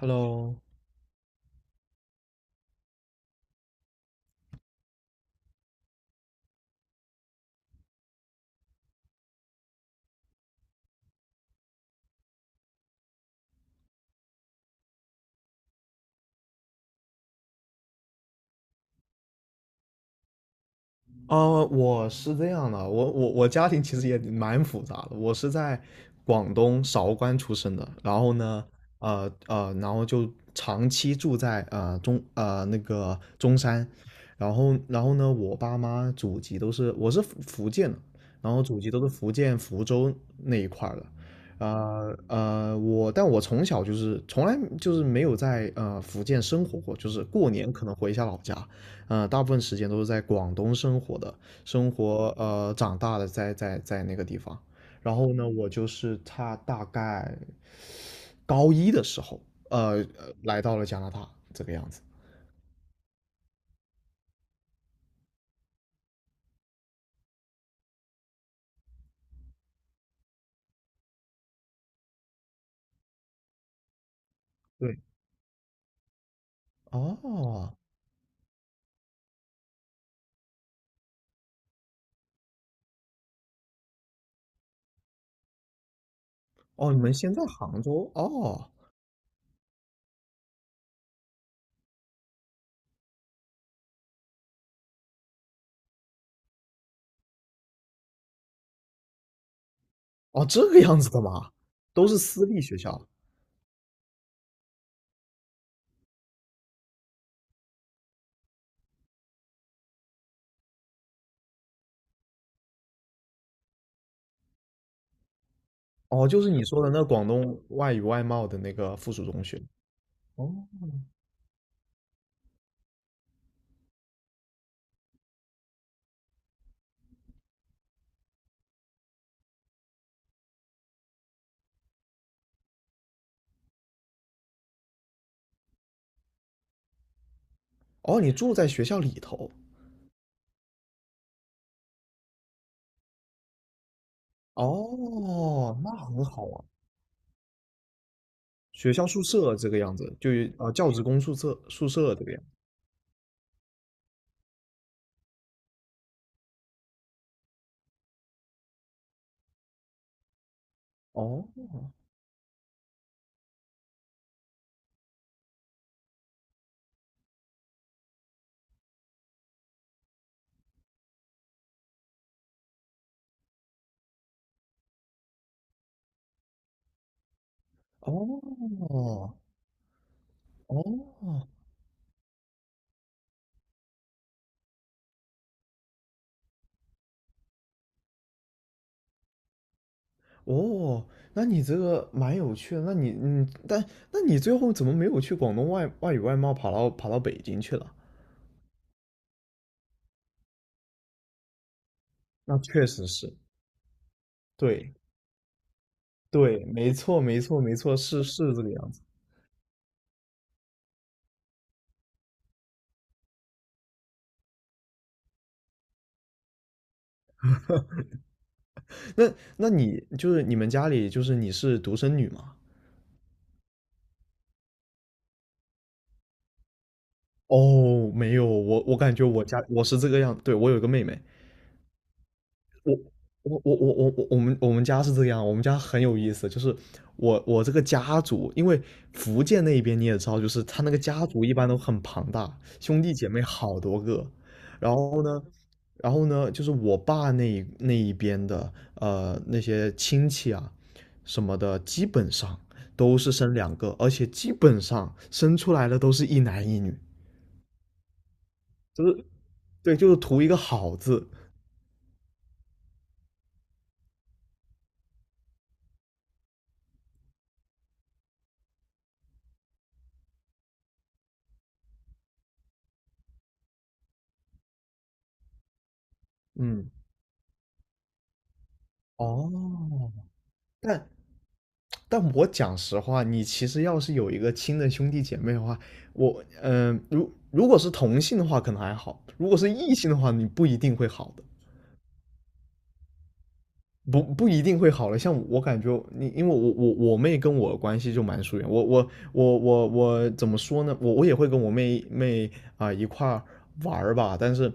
Hello。我是这样的，我家庭其实也蛮复杂的，我是在广东韶关出生的，然后呢，然后就长期住在呃中呃那个中山，然后呢，我爸妈祖籍都是我是福建的，然后祖籍都是福建福州那一块儿的。我但我从小就是从来就是没有在福建生活过，就是过年可能回一下老家。大部分时间都是在广东生活的，长大的在那个地方。然后呢，我就是他大概高一的时候，来到了加拿大这个样子。对。哦。哦，你们先在杭州。哦，哦，这个样子的吗？都是私立学校。哦，就是你说的那广东外语外贸的那个附属中学。哦。哦，你住在学校里头。哦，那很好啊。学校宿舍这个样子，就教职工宿舍这个样子。哦。哦。哦。哦，那你这个蛮有趣的。那你嗯，但那你最后怎么没有去广东外外语外贸跑到北京去了？那确实是。对对，没错，是是这个样子。那那你就是你们家里就是你是独生女吗？哦，没有，我我感觉我家我是这个样，对，我有一个妹妹。我们我们家是这样，我们家很有意思，就是我这个家族，因为福建那边你也知道，就是他那个家族一般都很庞大，兄弟姐妹好多个。然后然后呢，就是我爸那一边的那些亲戚啊什么的，基本上都是生两个，而且基本上生出来的都是一男一女。就是对，就是图一个好字。嗯。哦。但但我讲实话，你其实要是有一个亲的兄弟姐妹的话，我嗯、呃如如果是同性的话可能还好，如果是异性的话，你不一定会好的。不一定会好的。像我感觉你，因为我我妹跟我关系就蛮疏远。我怎么说呢？我我也会跟我妹妹一块儿玩儿吧，但是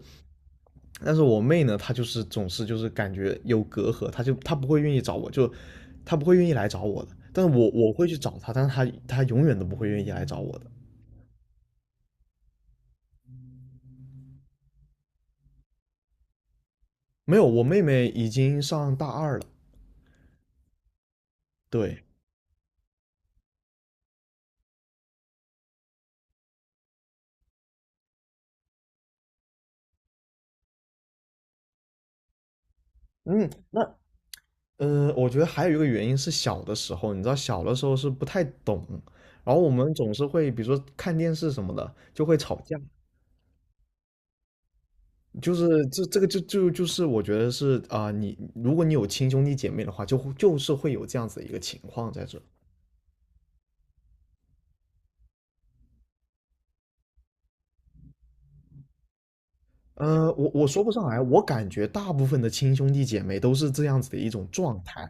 但是我妹呢，她就是总是就是感觉有隔阂，她就她不会愿意找我，就她不会愿意来找我的。但是我我会去找她，但是她永远都不会愿意来找我的。没有，我妹妹已经上大二了。对。嗯，那我觉得还有一个原因是小的时候，你知道小的时候是不太懂，然后我们总是会比如说看电视什么的就会吵架。就是这个就是我觉得是你如果你有亲兄弟姐妹的话，就会就是会有这样子的一个情况在这。我我说不上来，我感觉大部分的亲兄弟姐妹都是这样子的一种状态。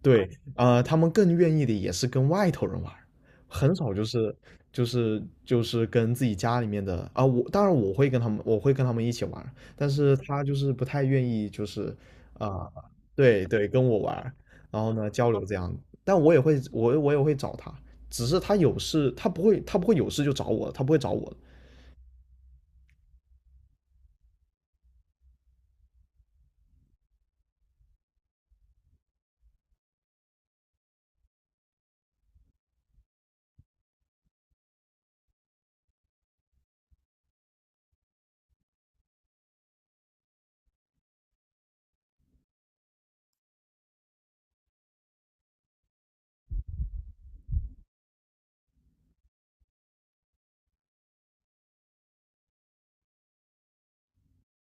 对。他们更愿意的也是跟外头人玩儿，很少就是就是跟自己家里面的啊，我当然我会跟他们，我会跟他们一起玩儿，但是他就是不太愿意就是啊、对对，跟我玩儿，然后呢交流这样。但我也会我也会找他，只是他有事他不会有事就找我，他不会找我。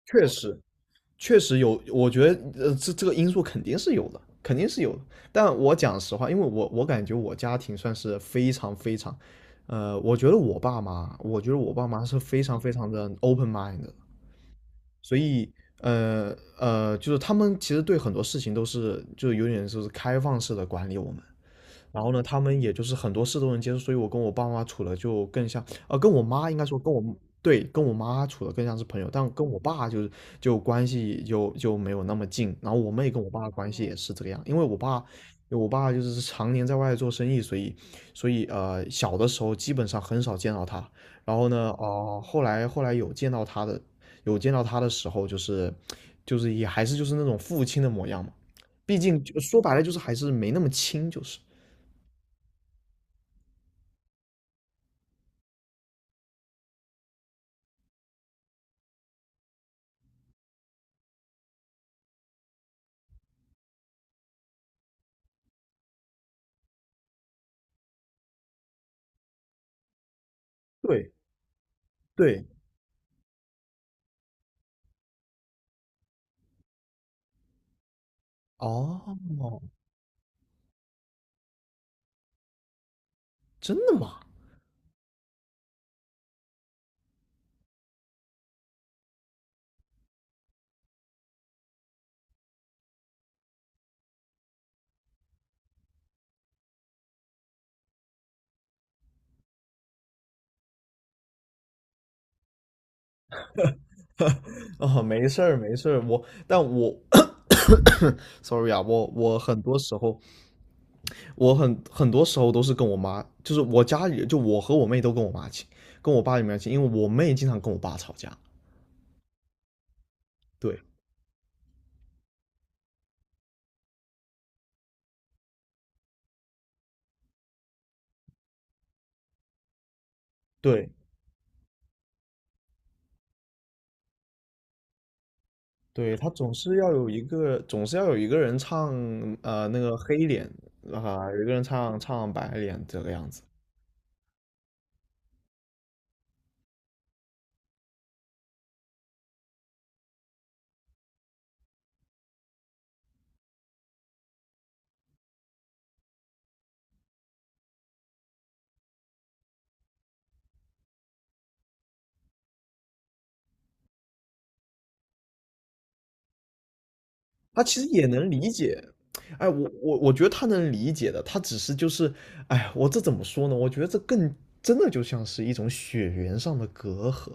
确实确实有，我觉得这个因素肯定是有的，肯定是有的。但我讲实话，因为我感觉我家庭算是非常，呃，我觉得我爸妈，我觉得我爸妈是非常非常的 open mind 的。一就是他们其实对很多事情都是就有点就是开放式的管理我们，然后呢，他们也就是很多事都能接受，所以我跟我爸妈处的就更像，跟我妈应该说跟我，对，跟我妈处的更像是朋友，但跟我爸就是就关系就没有那么近。然后我妹跟我爸的关系也是这个样，因为我爸就是常年在外做生意，所以所以小的时候基本上很少见到他。然后呢，后来有见到他的，有见到他的时候，就是就是也还是就是那种父亲的模样嘛，毕竟就说白了就是还是没那么亲，就是。对。对。哦，真的吗？哦，没事儿，没事儿，我，但我 ，sorry 啊，我我很多时候，我很多时候都是跟我妈，就是我家里，就我和我妹都跟我妈亲，跟我爸也没有亲，因为我妹经常跟我爸吵架。对对对，她总是要有一个，总是要有一个人唱那个黑脸，有一个人唱白脸这个样子。他其实也能理解。哎，我我觉得他能理解的，他只是就是。哎，我这怎么说呢？我觉得这更真的就像是一种血缘上的隔阂，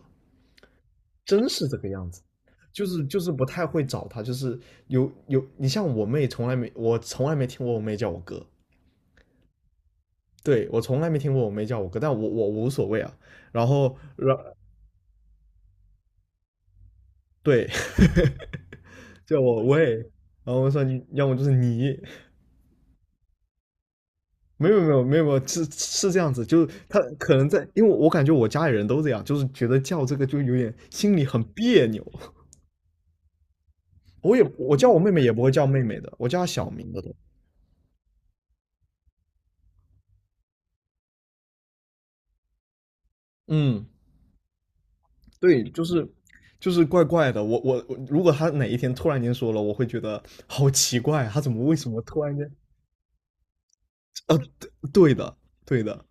真是这个样子。就是就是不太会找他，就是有有，你像我妹从来没，我从来没听过我妹叫我哥。对，我从来没听过我妹叫我哥，但我我无所谓啊。然后然对。 叫我喂，然后我说你要么就是你，没有没有，是是这样子，就是他可能在，因为我感觉我家里人都这样，就是觉得叫这个就有点心里很别扭。我叫我妹妹也不会叫妹妹的，我叫她小名的都。嗯。对，就是就是怪怪的。我我，如果她哪一天突然间说了，我会觉得好奇怪，她怎么为什么突然间？呃，对对的对的。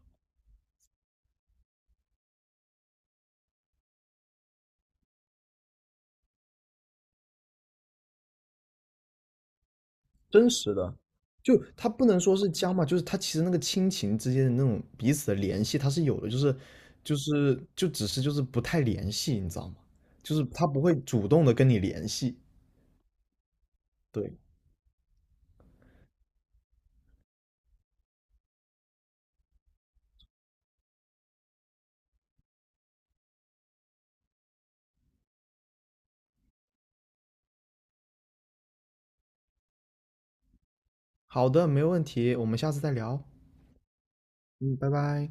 真实的，就他不能说是僵嘛，就是他其实那个亲情之间的那种彼此的联系，他是有的，就是就是就只是就是不太联系，你知道吗？就是他不会主动的跟你联系。对。好的，没问题，我们下次再聊。嗯，拜拜。